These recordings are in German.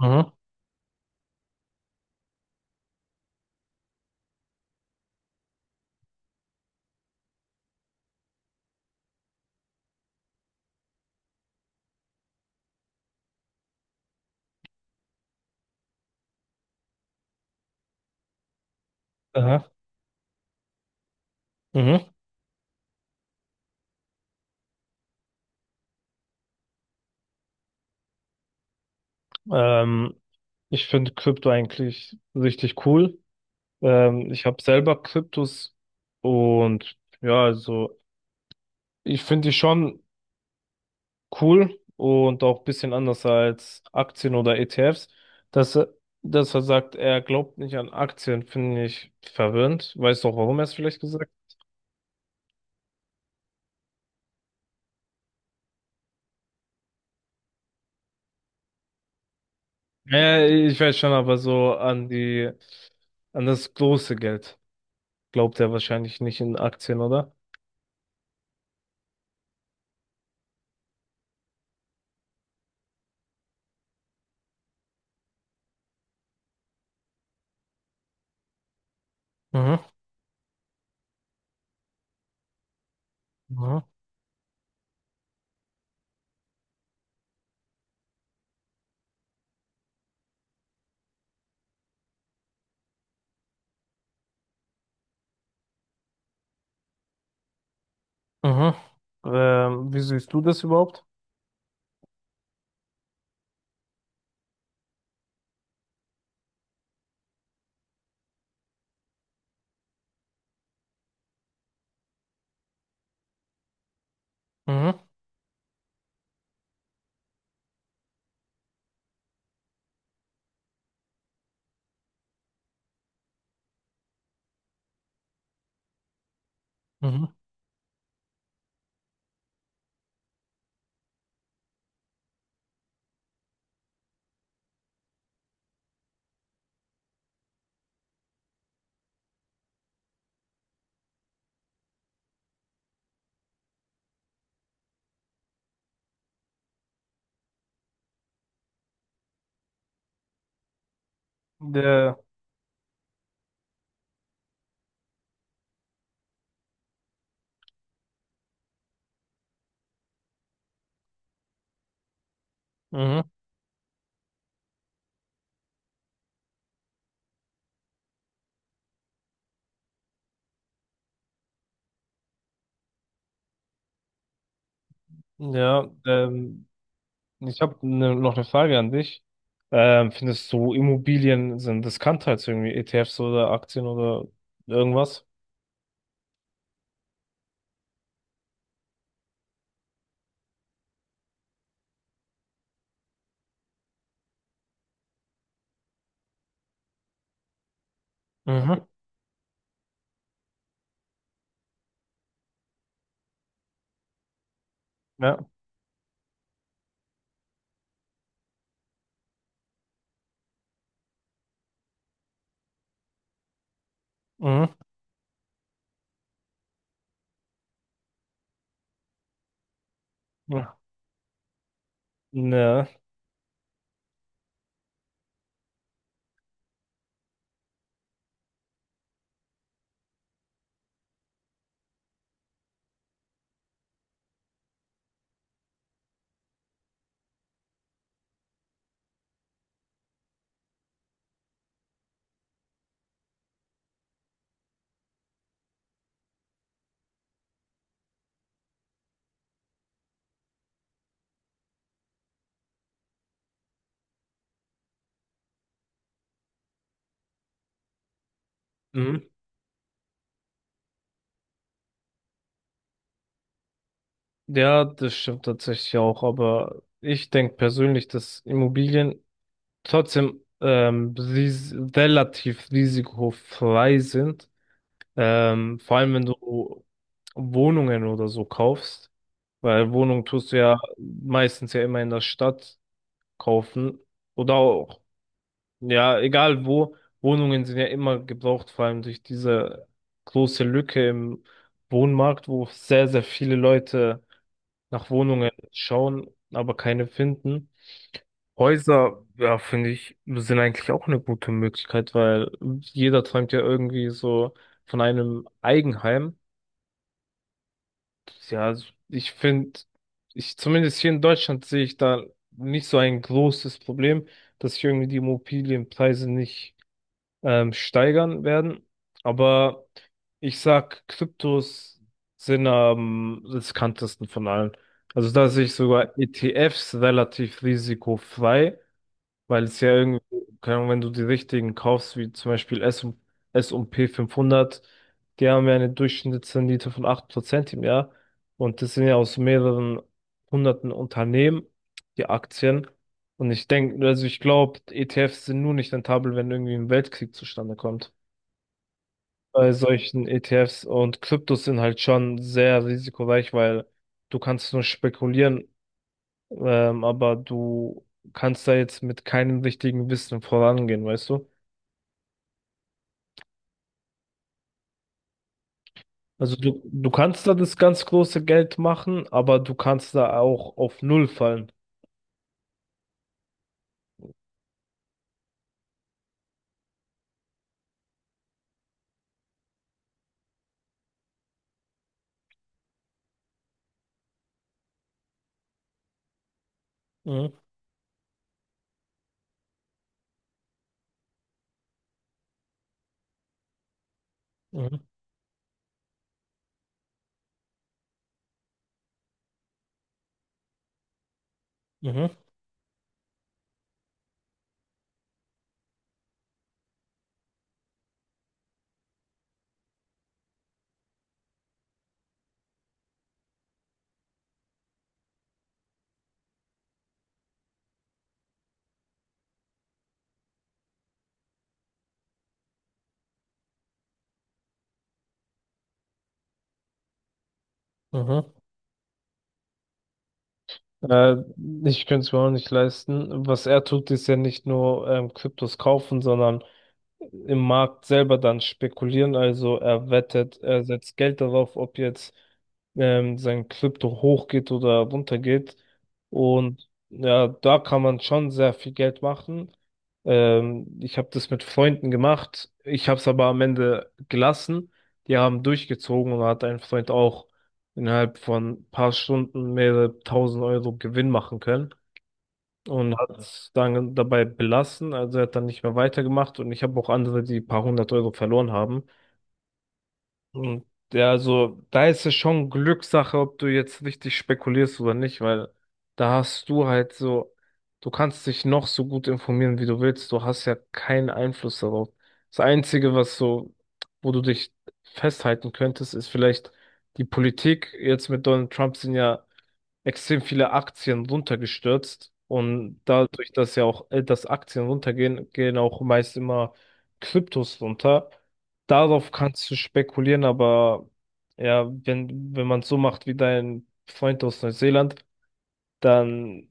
Mhm. Aha. Mhm. Ähm, Ich finde Krypto eigentlich richtig cool. Ich habe selber Kryptos und ja, also ich finde die schon cool und auch ein bisschen anders als Aktien oder ETFs. Dass er, dass er sagt, er glaubt nicht an Aktien, finde ich verwirrend. Weißt du auch, warum er es vielleicht gesagt hat? Ja, ich weiß schon, aber so an das große Geld glaubt er wahrscheinlich nicht in Aktien, oder? Mhm. Mhm. Mhm. Wie siehst du das überhaupt? Mhm. Mhm. Der, Mhm. Ja, ich habe noch eine Frage an dich. Findest du, Immobilien sind riskant halt so irgendwie ETFs oder Aktien oder irgendwas? Mhm. Ja. Mhm. Ja. Ne. Mhm. Ja, das stimmt tatsächlich auch, aber ich denke persönlich, dass Immobilien trotzdem ris relativ risikofrei sind. Vor allem, wenn du Wohnungen oder so kaufst, weil Wohnung tust du ja meistens ja immer in der Stadt kaufen. Oder auch, ja, egal wo, Wohnungen sind ja immer gebraucht, vor allem durch diese große Lücke im Wohnmarkt, wo sehr, sehr viele Leute nach Wohnungen schauen, aber keine finden. Häuser, ja, finde ich, sind eigentlich auch eine gute Möglichkeit, weil jeder träumt ja irgendwie so von einem Eigenheim. Ja, also ich finde, ich zumindest hier in Deutschland sehe ich da nicht so ein großes Problem, dass sich irgendwie die Immobilienpreise nicht steigern werden. Aber ich sag, Kryptos sind am riskantesten von allen. Also da sehe ich sogar ETFs relativ risikofrei, weil es ja irgendwie, keine Ahnung, wenn du die richtigen kaufst, wie zum Beispiel S&P 500. Die haben ja eine Durchschnittsrendite von 8% im Jahr. Und das sind ja aus mehreren hunderten Unternehmen, die Aktien. Und ich denke, also ich glaube, ETFs sind nur nicht rentabel, wenn irgendwie ein Weltkrieg zustande kommt. Bei solchen ETFs und Kryptos sind halt schon sehr risikoreich, weil du kannst nur spekulieren, aber du kannst da jetzt mit keinem richtigen Wissen vorangehen, weißt du? Also du kannst da das ganz große Geld machen, aber du kannst da auch auf Null fallen. Mhm, mhm, mhm, mhm. Äh, Ich könnte es mir auch nicht leisten. Was er tut, ist ja nicht nur Kryptos kaufen, sondern im Markt selber dann spekulieren. Also er wettet, er setzt Geld darauf, ob jetzt sein Krypto hochgeht oder runtergeht. Und ja, da kann man schon sehr viel Geld machen. Ich habe das mit Freunden gemacht. Ich habe es aber am Ende gelassen. Die haben durchgezogen und da hat ein Freund auch innerhalb von ein paar Stunden mehrere tausend Euro Gewinn machen können und hat es dann dabei belassen. Also er hat dann nicht mehr weitergemacht und ich habe auch andere, die ein paar hundert Euro verloren haben. Und ja, also da ist es schon Glückssache, ob du jetzt richtig spekulierst oder nicht, weil da hast du halt so, du kannst dich noch so gut informieren, wie du willst. Du hast ja keinen Einfluss darauf. Das Einzige, was so, wo du dich festhalten könntest, ist vielleicht die Politik. Jetzt mit Donald Trump sind ja extrem viele Aktien runtergestürzt, und dadurch, dass ja auch dass Aktien runtergehen, gehen auch meist immer Kryptos runter. Darauf kannst du spekulieren, aber ja, wenn man so macht wie dein Freund aus Neuseeland, dann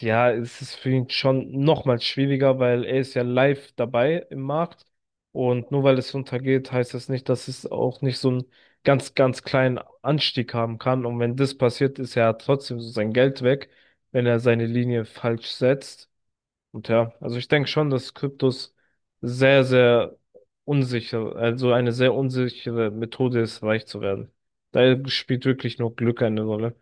ja, es ist für ihn schon nochmal schwieriger, weil er ist ja live dabei im Markt. Und nur weil es runtergeht, heißt das nicht, dass es auch nicht so einen ganz, ganz kleinen Anstieg haben kann. Und wenn das passiert, ist er trotzdem so sein Geld weg, wenn er seine Linie falsch setzt. Und ja, also ich denke schon, dass Kryptos sehr, sehr unsicher, also eine sehr unsichere Methode ist, reich zu werden. Da spielt wirklich nur Glück eine Rolle.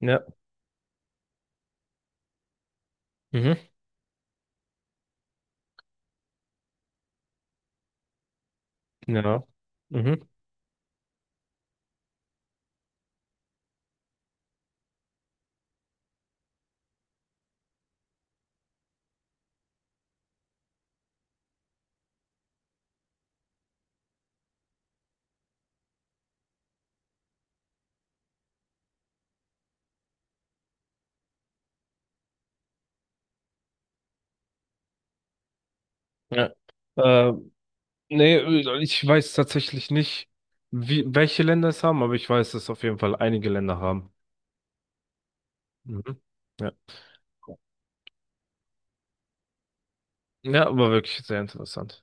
Ja. Mhm. Ja. Mhm. Ja. Äh, Nee, ich weiß tatsächlich nicht, wie, welche Länder es haben, aber ich weiß, dass auf jeden Fall einige Länder haben. Mhm. Ja. Ja, aber wirklich sehr interessant.